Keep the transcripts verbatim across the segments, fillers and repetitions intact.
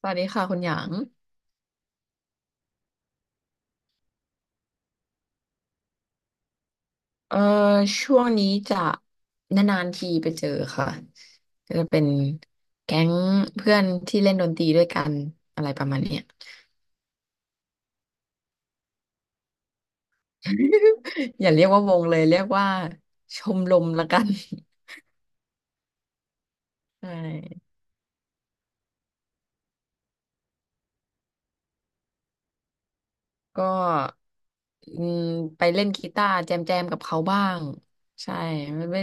สวัสดีค่ะคุณหยางเอ่อช่วงนี้จะนานๆทีไปเจอค่ะก็จะเป็นแก๊งเพื่อนที่เล่นดนตรีด้วยกันอะไรประมาณเนี้ย อย่าเรียกว่าวงเลยเรียกว่าชมรมละกัน ใช่ก็อืมไปเล่นกีตาร์แจมแจมกับเขาบ้างใช่ไม่ไม่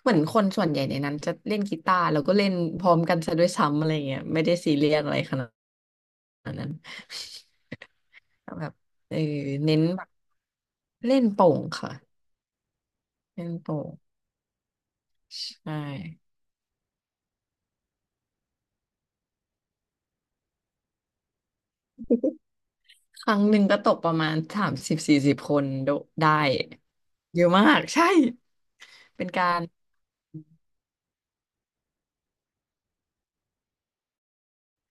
เหมือนคนส่วนใหญ่ในนั้นจะเล่นกีตาร์แล้วก็เล่นพร้อมกันซะด้วยซ้ำอะไรเงี้ยไม่ได้ซีเรียสอะไรขนาดนั้น แบบเออเน้นแบบเล่นโป่งค่ะเล่นโป่งใช่ครั้งหนึ่งก็ตกประมาณสามสิบสี่สิบคนโดได้เยอะมากใช่เป็นการ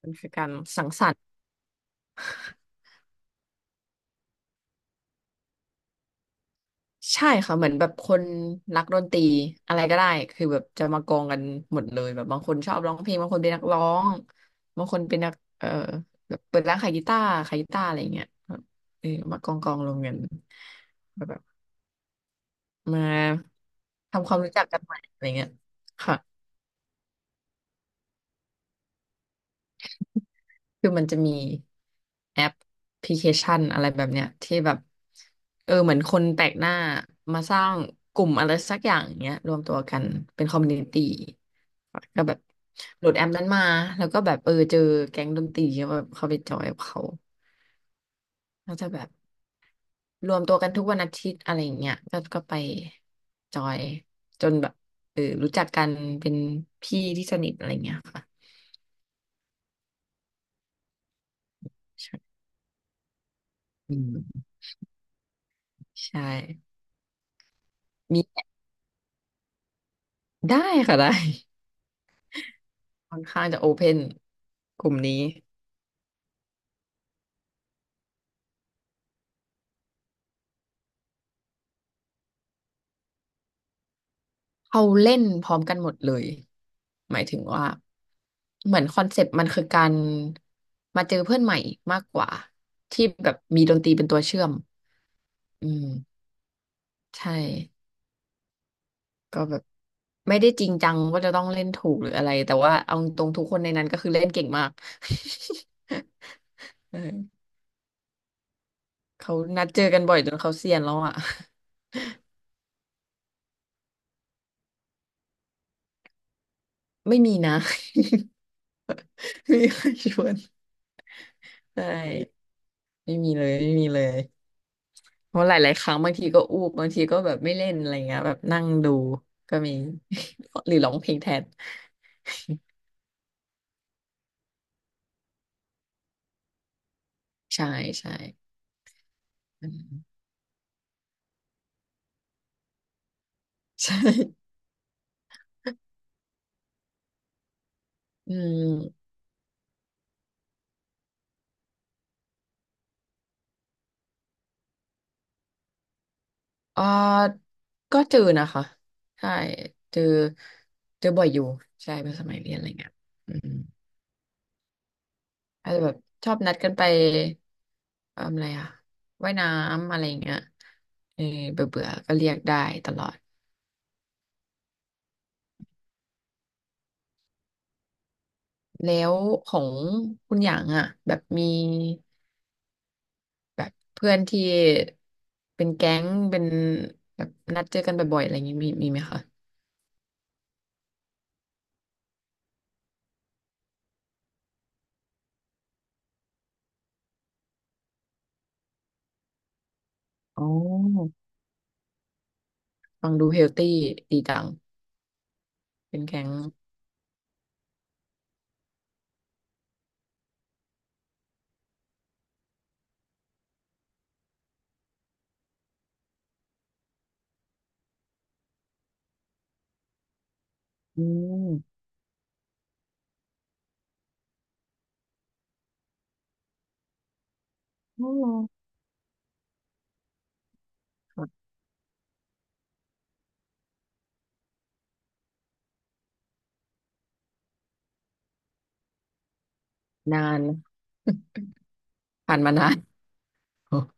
มันคือการสังสรรค์ใช่ค่ะเหมือนแบบคนรักดนตรีอะไรก็ได้คือแบบจะมากองกันหมดเลยแบบบางคนชอบร้องเพลงบางคนเป็นนักร้องบางคนเป็นนักเออแบบเปิดร้านขายกีตาร์ขายกีตาร์อะไรอย่างเงี้ยแบบเออมากองกองลงกันแบบมา ทำความรู้จักกันใหม่อะไรเงี้ยค่ะคือมันจะมีแอปพลิเคชันอะไรแบบเนี้ยที่แบบเออเหมือนคนแปลกหน้ามาสร้างกลุ่มอะไรสักอย่างเงี้ยรวมตัวกันเป็นคอมมูนิตี้ก็แบบโหลดแอปนั้นมาแล้วก็แบบเออเจอแก๊งดนตรีก็แบบเข้าไปจอยกับเขาก็จะแบบรวมตัวกันทุกวันอาทิตย์อะไรอย่างเงี้ยก็ก็ไปจอยจนแบบเออรู้จักกันเป็นพี่ที่สนิทอะไรเงี้ยค่ะใช่อืม ใช่ มีได้ค่ะได้ ค่อนข้างจะโอเพนกลุ่มนี้เขาเล่นพร้อมกันหมดเลยหมายถึงว่าเหมือนคอนเซปต์มันคือการมาเจอเพื่อนใหม่มากกว่าที่แบบมีดนตรีเป็นตัวเชื่อมอืมใช่ก็แบบไม่ได้จริงจังว่าจะต้องเล่นถูกหรืออะไรแต่ว่าเอาตรงทุกคนในนั้นก็คือเล่นเก่งมาก เออเขานัดเจอกันบ่อยจนเขาเซียนแล้วอ่ะไม่มีนะ ไม่มีใครชวน ใช่ไม่มีเลยไม่มีเลยเพราะหลายๆครั้งบางทีก็อูบบางทีก็แบบไม่เล่นอะไรเงี้ยแบบนั่งดูก็มี หรือร้องเพลงแทนใช่ใช่อืมใช่ อืมเอ่อก็เจอนะคะใช่เจอเจอบ่อยอยู่ใช่เป็นสมัยเรียนอะไรเงี้ยอืมอาจจะแบบชอบนัดกันไปเอิ่มอะไรอะว่ายน้ำอะไรเงี้ยเออเบื่อเบื่อก็เรียกได้ตลอด แล้วของคุณหยางอ่ะแบบมีแบบเพื่อนที่เป็นแก๊งเป็นแบบนัดเจอกันบ่อยๆอะไรอย่างงี้มีมีไหมคะอ๋อฟังดูเฮลตี้ดีจังเป็นแก๊งอืมอ๋อค่ะนาน ผ่านมานานโอ้โ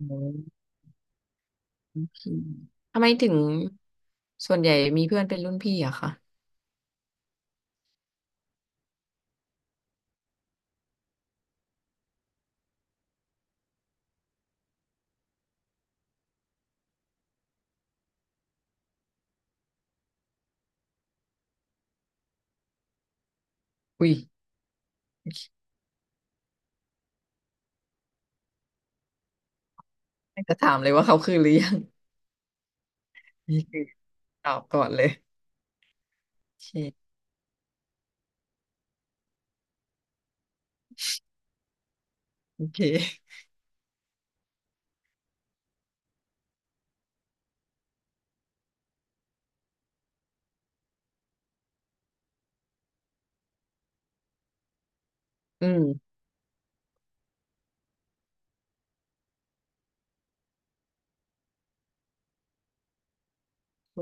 หโอเคทำไมถึงส่วนใหญ่มีเพื่อนเป็นรุ่นพี่อะคะอุ้ยไม่จะถามเลยว่าเขาคือหรือยังนี่คือตอบก่อนเลยโอเคโอเคอืม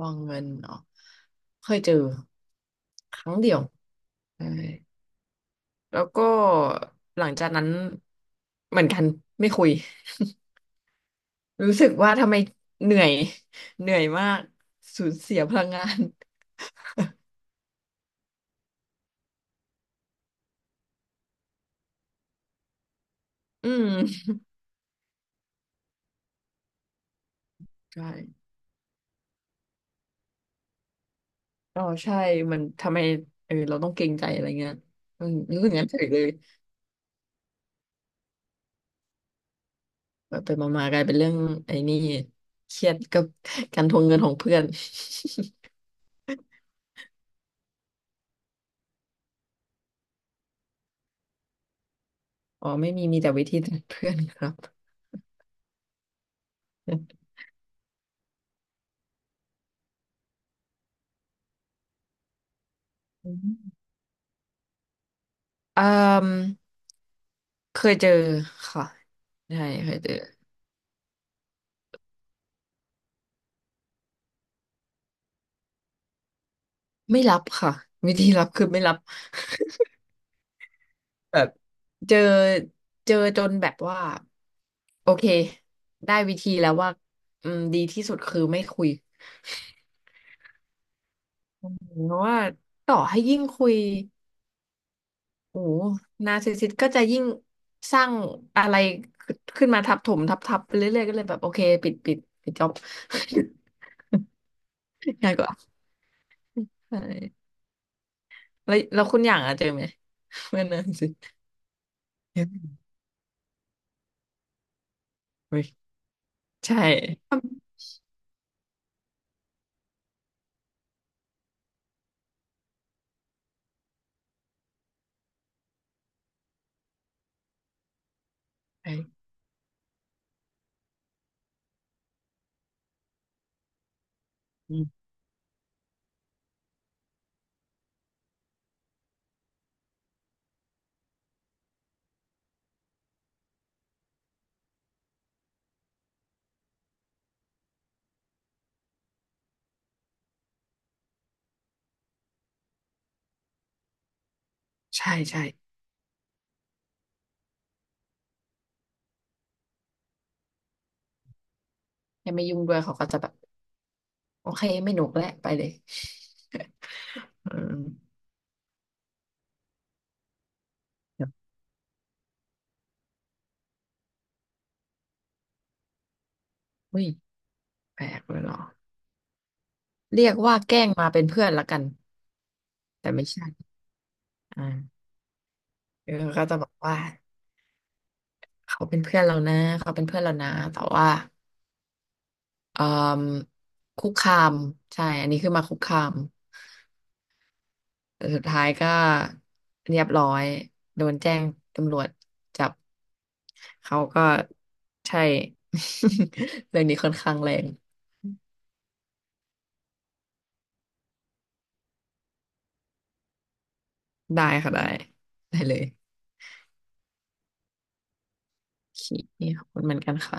วางเงินเนาะเคยเจอครั้งเดียวใช่แล้วก็หลังจากนั้นเหมือนกันไม่คุยรู้สึกว่าทำไมเหนื่อยเหนื่อยมากสูญเสียพลังงาน อืมใช่อ๋อใช่มันทำไมเออเราต้องเกรงใจอะไรเงี้ยอืมรู้สึกงั้นเฉยเลยแบบไปมามากลายเป็นเรื่องไอ้นี่เครียดกับการทวงเงินของเพื่อน อ๋อไม่มีมีแต่วิธีจากเพื่อนครับ เอ่อเคยเจอค่ะใช่เคยเจอไม่รับค่ะวิธีรับคือไม่รับแบบเจอเจอจนแบบว่าโอเคได้วิธีแล้วว่าอืมดีที่สุดคือไม่คุยอืมเพราะว่าต่อให้ยิ่งคุยโอ้หนาร์ซิสซิสก็จะยิ่งสร้างอะไรขึ้นมาทับถมทับทับไปเรื่อยๆก็เลยแบบโอเคปิดปิดปิดจ็อบ ง่ายกว่าใช่แล้วแล้วคุณอย่างอะเจอไหมเมื่อนานสิ เฮ้ยเฮ้ยใช่ใช่อืมใช่ใช่อยังไม่ยุ่งด้วยเขาก็จะแบบโอเคไม่หนุกแล้วไปเลยอืมแบบอุ้ยแปลกเลยเหรอเรียกว่าแกล้งมาเป็นเพื่อนละกันแต่ไม่ใช่อ่าเออก็จะบอกว่าเขาเป็นเพื่อนเรานะเขาเป็นเพื่อนเรานะแต่ว่าเอ่อคุกคามใช่อันนี้คือมาคุกคาม แต่สุดท้ายก็เรียบร้อยโดนแจ้งตำรวจจับเขาก็ใช่ เรื่องนี้ค่อนข้างแรงได้ค่ะได้ได้เลยโอเคขอบคุณเหมือนกันค่ะ